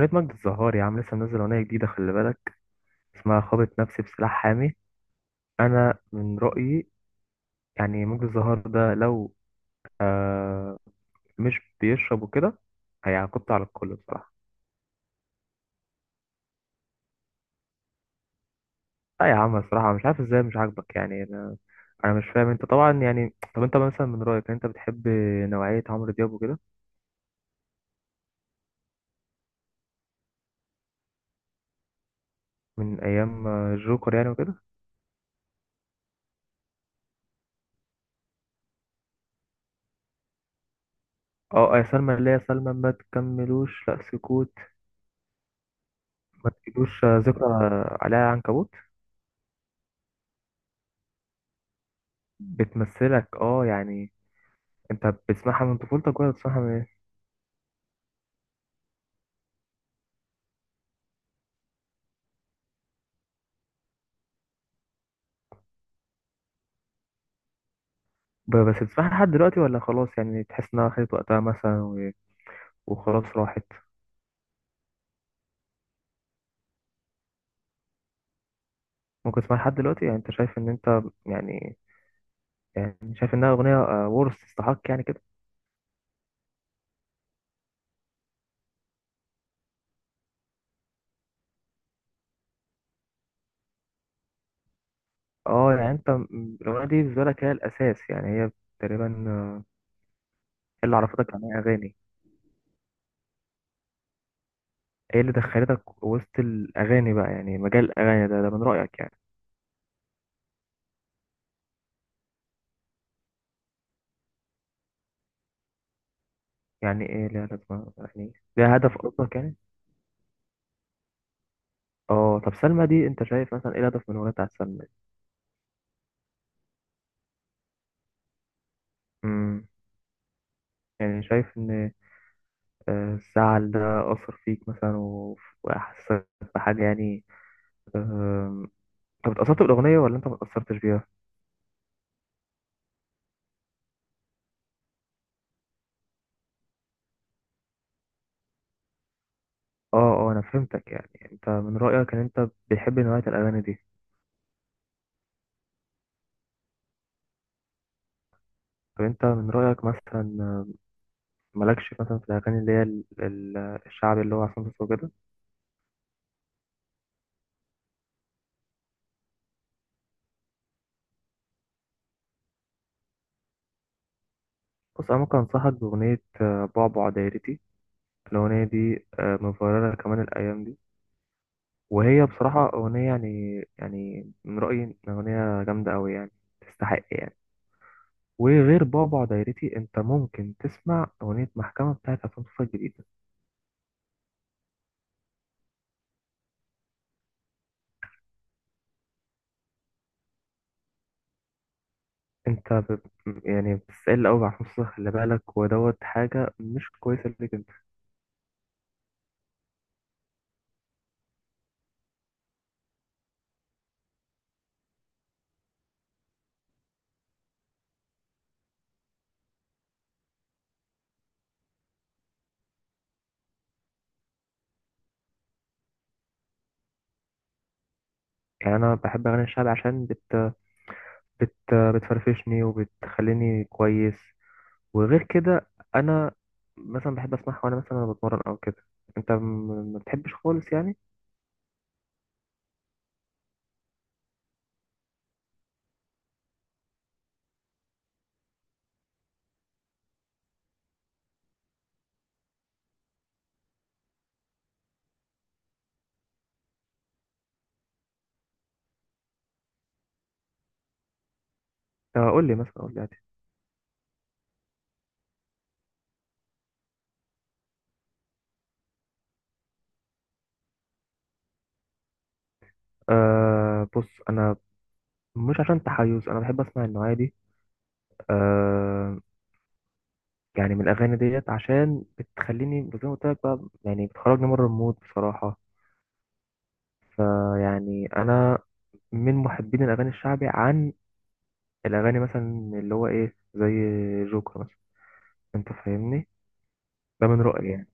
أغنية مجد الزهار يا عم، لسه منزل أغنية جديدة، خلي بالك. اسمها خابط نفسي بسلاح حامي. أنا من رأيي يعني مجد الزهار ده لو آه مش بيشرب وكده، هيعاقبته على الكل بصراحة. لا يا عم، بصراحة مش عارف ازاي مش عاجبك يعني. أنا مش فاهم. أنت طبعا يعني، طب أنت مثلا من رأيك أنت بتحب نوعية عمرو دياب وكده. من أيام الجوكر يعني وكده. اه، آه، يا سلمى اللي هي سلمى ما تكملوش لا سكوت. ما تجيبوش ذكرى عليها عنكبوت. بتمثلك اه يعني. انت بتسمعها من طفولتك ولا بتسمعها من ايه؟ بس بتسمعها لحد دلوقتي ولا خلاص، يعني تحس انها خدت وقتها مثلا وخلاص راحت؟ ممكن تسمعها لحد دلوقتي، يعني انت شايف ان انت يعني شايف انها اغنيه؟ ورث تستحق يعني كده. اه يعني انت الاغنيه دي بالنسبه لك هي الاساس، يعني هي تقريبا. هي اللي عرفتك عن ايه اغاني. هي اللي دخلتك وسط الاغاني بقى، يعني مجال الاغاني ده من رايك يعني؟ يعني ايه ليها لازمه، يعني ليها هدف قصدك يعني؟ اه، طب سلمى دي انت شايف مثلا ايه الهدف من الاغنيه بتاعت سلمى دي؟ يعني شايف إن الزعل ده أثر فيك مثلا وأحسسك بحاجة يعني آم، أنت اتأثرت بالأغنية ولا أنت متأثرتش بيها؟ أه. أه، أنا فهمتك، يعني أنت من رأيك إن أنت بتحب نوعية الأغاني دي؟ طب أنت من رأيك مثلا مالكش مثلا في الأغاني اللي هي الشعبي اللي هو عصام صاصا وكده؟ بص، أنا ممكن أنصحك بأغنية بعبع دايرتي. الأغنية دي مفررة كمان الأيام دي، وهي بصراحة أغنية، يعني من رأيي إن أغنية جامدة أوي يعني. تستحق يعني. وغير بابا دايرتي، انت ممكن تسمع اغنيه محكمه بتاعت عصام صوصه الجديده. انت يعني بتسال قوي عصام صوصه، خلي بالك، ودوت حاجه مش كويسه ليك انت. يعني انا بحب اغاني الشعب عشان بت... بتفرفشني وبتخليني كويس. وغير كده، انا مثلا بحب اسمعها وانا مثلا أنا بتمرن او كده. انت ما بتحبش خالص يعني؟ قول لي مثلا، قول لي عادي. أه، بص، انا مش عشان تحيز انا بحب اسمع النوعيه دي آه، يعني من الأغاني ديت عشان بتخليني زي ما قلت لك بقى، يعني بتخرجني بره المود بصراحة. فيعني أنا من محبين الأغاني الشعبي عن الأغاني مثلا اللي هو إيه زي جوكر مثلا، أنت فاهمني؟ ده من رأيي يعني.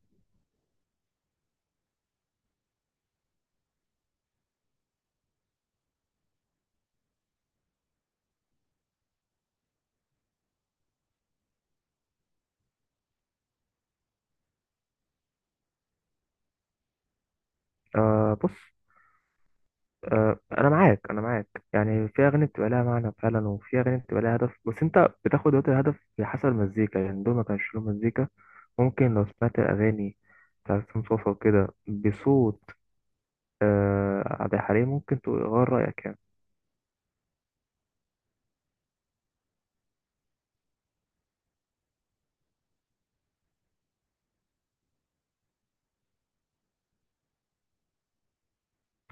آه، بص، أنا معاك، أنا معاك، يعني في أغاني بتبقى لها معنى فعلا وفي أغاني بتبقى لها هدف، بس أنت بتاخد وقت الهدف حسب المزيكا، يعني دول ما كانش لهم مزيكا. ممكن لو سمعت الأغاني بتاعت حسين صوصة وكده بصوت عبد الحليم ممكن تغير رأيك يعني.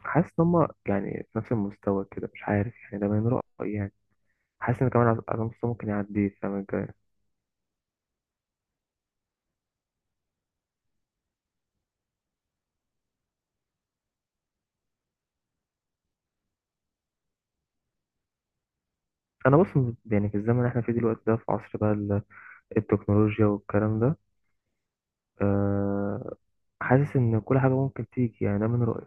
حاسس إن هما يعني في نفس المستوى كده، مش عارف يعني، ده من رأيي يعني. حاسس إن كمان عصام صاصا ممكن يعدي السنة الجاية. أنا بص، يعني في الزمن اللي إحنا فيه دلوقتي ده، في عصر بقى التكنولوجيا والكلام ده. أه، حاسس إن كل حاجة ممكن تيجي، يعني ده من رأيي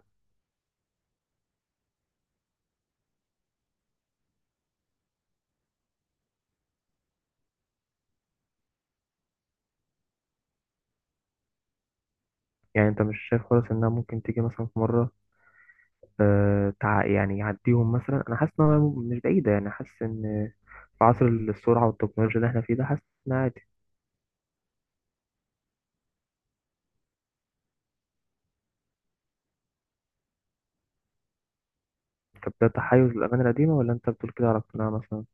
يعني. أنت مش شايف خالص إنها ممكن تيجي مثلا في مرة؟ أه، يعني يعديهم مثلا، أنا حاسس إنها مش بعيدة، يعني حاسس إن في عصر السرعة والتكنولوجيا اللي إحنا فيه ده، حاسس إنها. طب ده تحيز للأغاني القديمة ولا أنت بتقول كده على اقتناع مثلا؟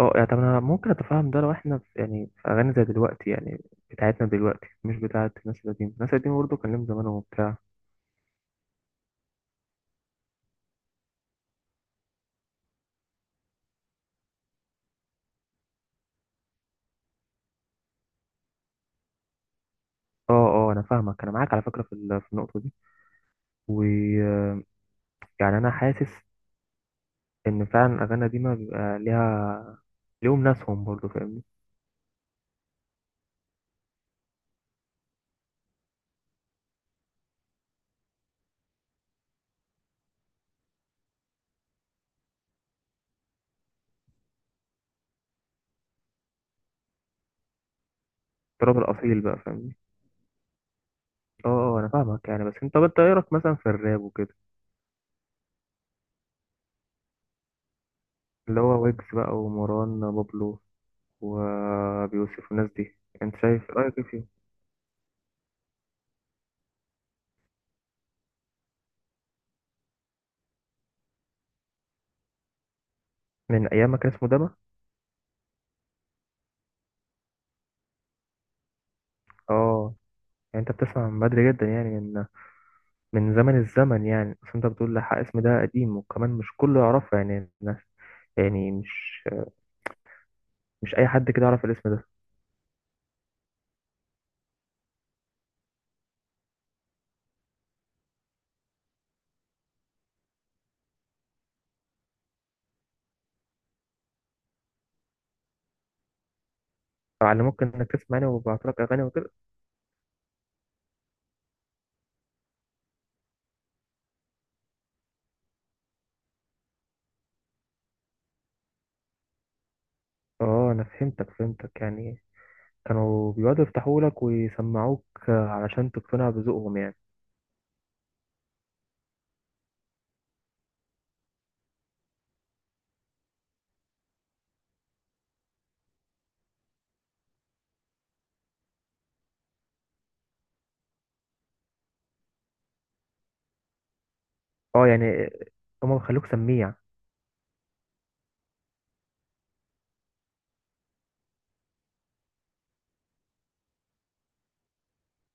اه، يعني طب أنا ممكن أتفهم ده لو إحنا في يعني في أغاني زي دلوقتي يعني، بتاعتنا دلوقتي مش بتاعت الناس القديمة، الناس القديمة برضه كان لهم زمان وبتاع. اه، اه، أنا فاهمك، أنا معاك على فكرة في في النقطة دي، ويعني أنا حاسس إن فعلا الأغاني القديمة بيبقى ليها، ليهم ناسهم برضه، فاهمني؟ التراب الأصيل بقى، فاهمني؟ اه، اه، أنا فاهمك يعني، بس طب أنت إيه رأيك مثلا في الراب وكده؟ اللي هو ويجز بقى ومروان بابلو وأبي يوسف والناس دي، أنت شايف رأيك إيه فيهم؟ من ايام ما كان اسمه دما. اه يعني انت بتسمع من بدري جدا، يعني من زمن الزمن، يعني اصل انت بتقول لحق اسم ده قديم وكمان مش كله يعرفه يعني الناس، يعني مش اي حد كده يعرف الاسم ده. على ممكن انك تسمع يعني، وببعت لك اغاني وكده. اه، انا فهمتك، فهمتك يعني. كانوا بيقعدوا يفتحوا لك ويسمعوك علشان تقتنع بذوقهم يعني. اه يعني هما بيخلوك سميع.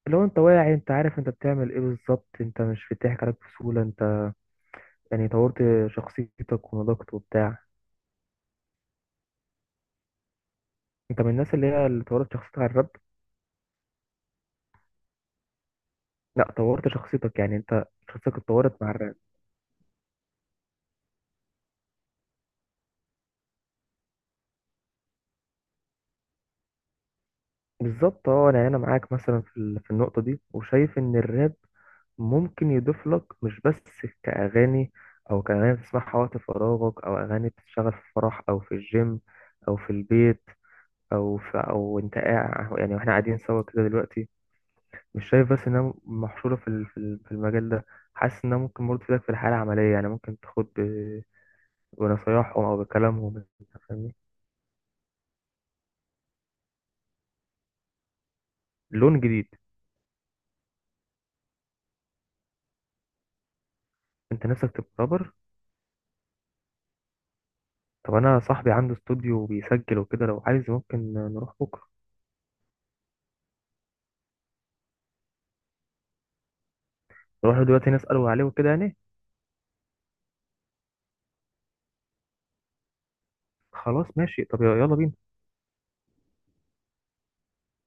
لو انت واعي، انت عارف انت بتعمل ايه بالظبط، انت مش بيضحك عليك بسهولة، انت يعني طورت شخصيتك ونضجت وبتاع. انت من الناس اللي هي اللي طورت شخصيتك على الراب. لا، طورت شخصيتك، يعني انت شخصيتك اتطورت مع الراب. بالظبط، اه يعني انا معاك مثلا في في النقطه دي، وشايف ان الراب ممكن يضيف لك، مش بس كأغاني، أو كأغاني تسمعها وقت فراغك، أو أغاني بتشتغل في فرح أو في الجيم أو في البيت أو في أو أنت قاعد، يعني وإحنا قاعدين سوا كده دلوقتي. مش شايف بس إنها محشورة في في المجال ده. حاسس إنها ممكن برضه تفيدك في الحياة العملية، يعني ممكن تاخد ونصايحهم او بكلامهم، انت فاهمني؟ لون جديد. انت نفسك تبقى رابر؟ طب انا صاحبي عنده استوديو بيسجل وكده، لو عايز ممكن نروح بكره. نروح له دلوقتي نساله عليه وكده يعني. خلاص، ماشي، طب يلا بينا.